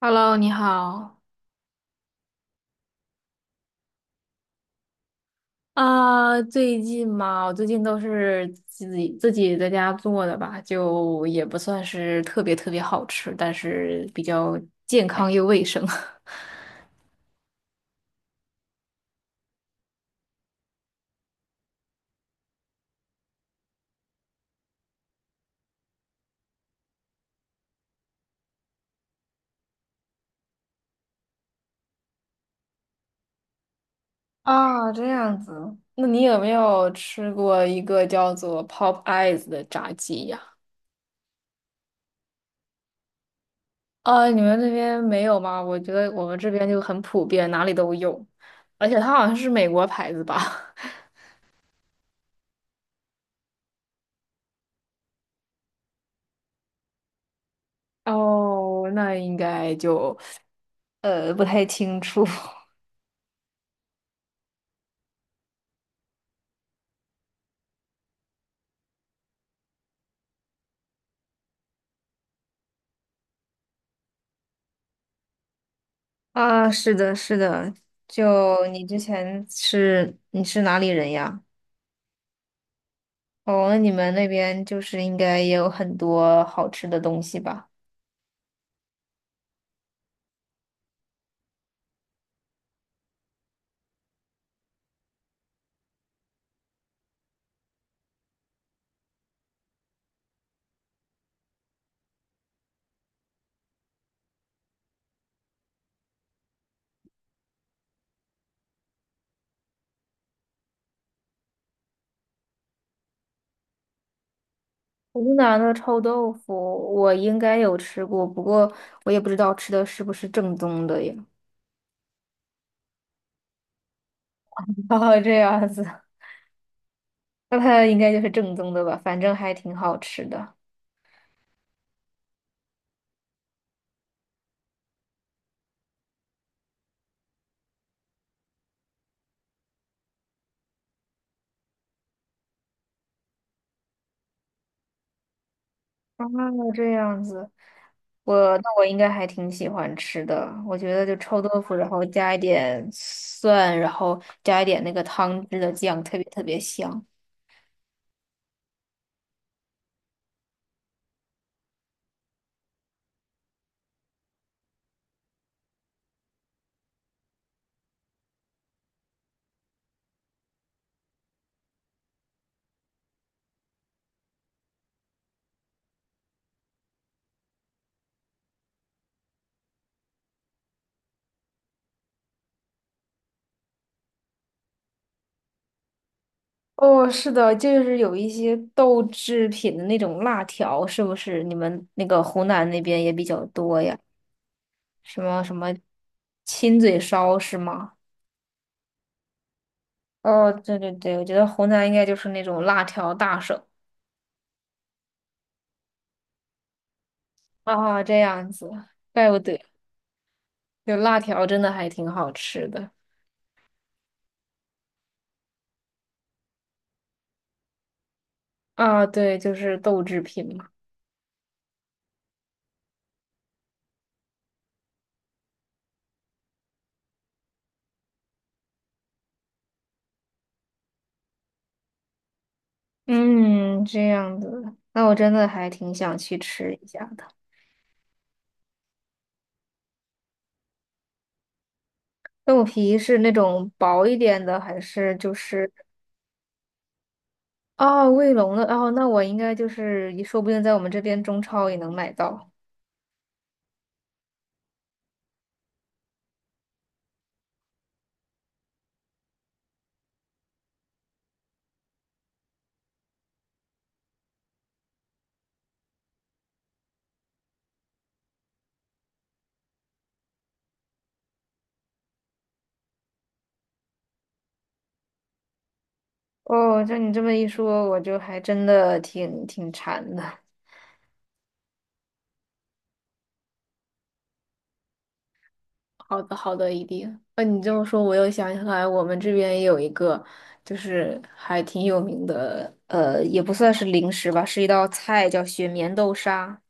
Hello，你好。啊，最近嘛，我最近都是自己在家做的吧，就也不算是特别好吃，但是比较健康又卫生。啊，这样子，那你有没有吃过一个叫做 Pop Eyes 的炸鸡呀？啊，你们那边没有吗？我觉得我们这边就很普遍，哪里都有，而且它好像是美国牌子吧？哦，那应该就不太清楚。啊，是的，是的，就你之前是你是哪里人呀？哦，那你们那边就是应该也有很多好吃的东西吧？湖南的臭豆腐我应该有吃过，不过我也不知道吃的是不是正宗的呀 哦，这样子，那它应该就是正宗的吧？反正还挺好吃的。啊，这样子。我那我应该还挺喜欢吃的，我觉得就臭豆腐，然后加一点蒜，然后加一点那个汤汁的酱，特别香。哦，是的，就是有一些豆制品的那种辣条，是不是你们那个湖南那边也比较多呀？什么什么亲嘴烧是吗？哦，对对对，我觉得湖南应该就是那种辣条大省。啊，这样子，怪不得，就辣条真的还挺好吃的。啊，对，就是豆制品嘛。嗯，这样子，那我真的还挺想去吃一下的。豆皮是那种薄一点的，还是就是哦卫龙的？哦，那我应该就是说不定在我们这边中超也能买到。哦，这你这么一说，我就还真的挺馋的。好的，好的，一定。那你这么说，我又想起来，我们这边也有一个，就是还挺有名的，也不算是零食吧，是一道菜，叫雪棉豆沙。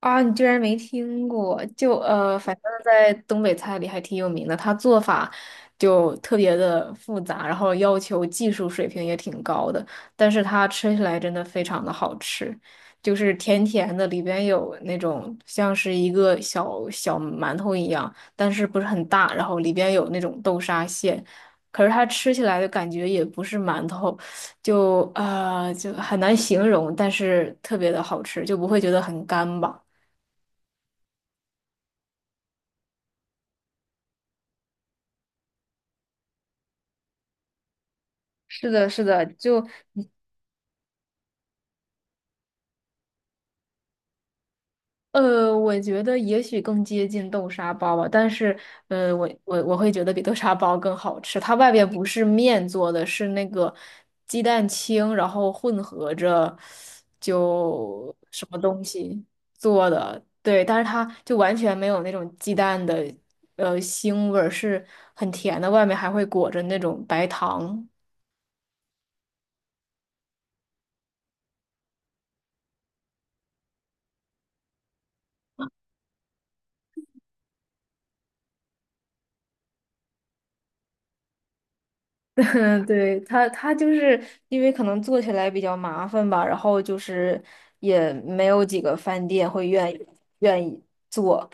啊，你居然没听过？就反正在东北菜里还挺有名的，它做法就特别的复杂，然后要求技术水平也挺高的，但是它吃起来真的非常的好吃，就是甜甜的，里边有那种像是一个小小馒头一样，但是不是很大，然后里边有那种豆沙馅，可是它吃起来的感觉也不是馒头，就就很难形容，但是特别的好吃，就不会觉得很干吧。是的，是的，就我觉得也许更接近豆沙包吧，但是我会觉得比豆沙包更好吃。它外边不是面做的，是那个鸡蛋清，然后混合着就什么东西做的，对，但是它就完全没有那种鸡蛋的腥味儿，是很甜的，外面还会裹着那种白糖。嗯，对，他，他就是因为可能做起来比较麻烦吧，然后就是也没有几个饭店会愿意愿意做。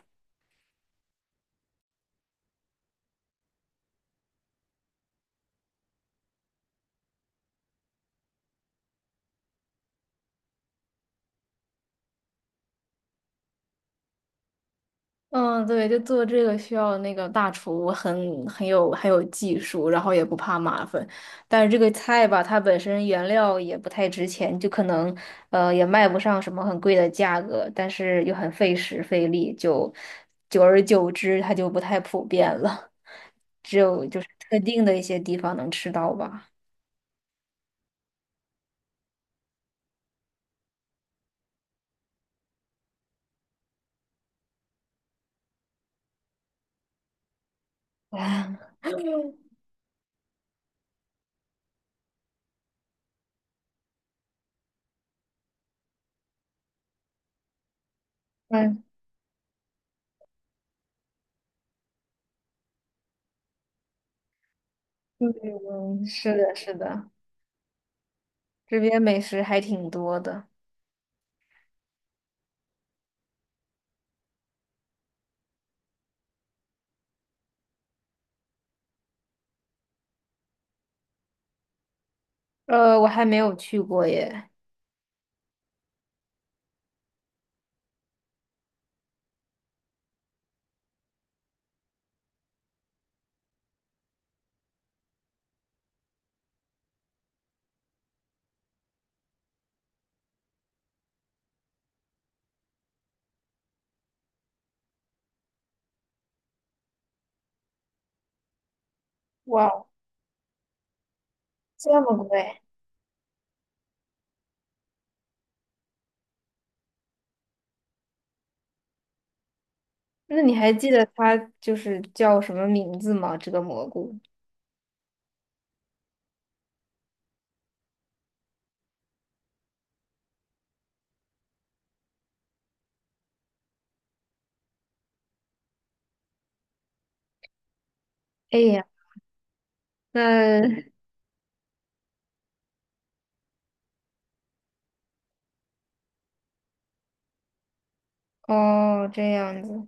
嗯，对，就做这个需要那个大厨很有有技术，然后也不怕麻烦。但是这个菜吧，它本身原料也不太值钱，就可能也卖不上什么很贵的价格，但是又很费时费力，就久而久之它就不太普遍了。特定的一些地方能吃到吧。啊，嗯，嗯，是的，是的，这边美食还挺多的。我还没有去过耶。哇哦这么贵？那你还记得它就是叫什么名字吗？这个蘑菇？哎呀，那哦，这样子，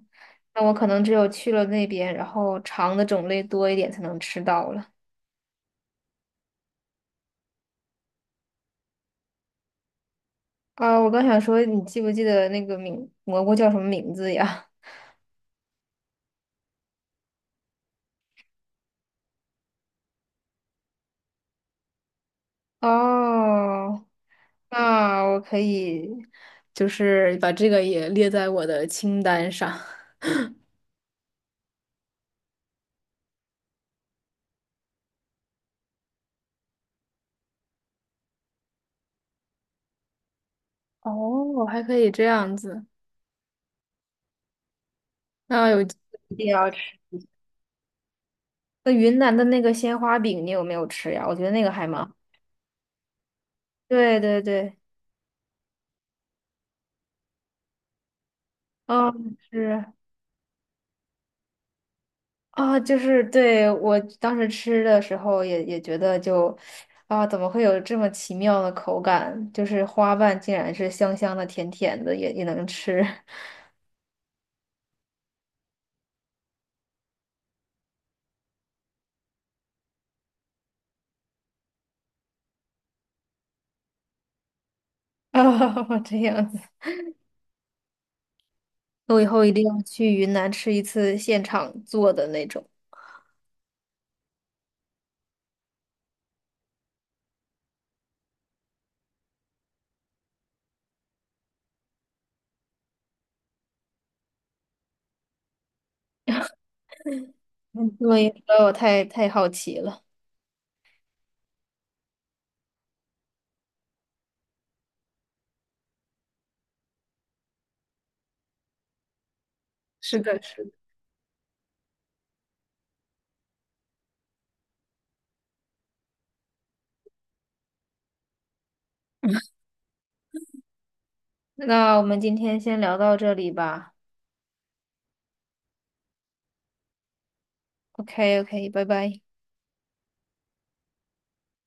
那我可能只有去了那边，然后尝的种类多一点才能吃到了。啊，我刚想说，你记不记得那个名蘑菇叫什么名字呀？哦，那我可以就是把这个也列在我的清单上。哦，还可以这样子，那有机会一定要吃。那云南的那个鲜花饼，你有没有吃呀？我觉得那个还蛮……对对对，啊，是啊，就是对我当时吃的时候也觉得就啊，怎么会有这么奇妙的口感？就是花瓣竟然是香香的、甜甜的，也能吃。 啊，这样子。我以后一定要去云南吃一次现场做的那种，嗯因为我太好奇了。是的，是的。那我们今天先聊到这里吧。OK OK，拜拜。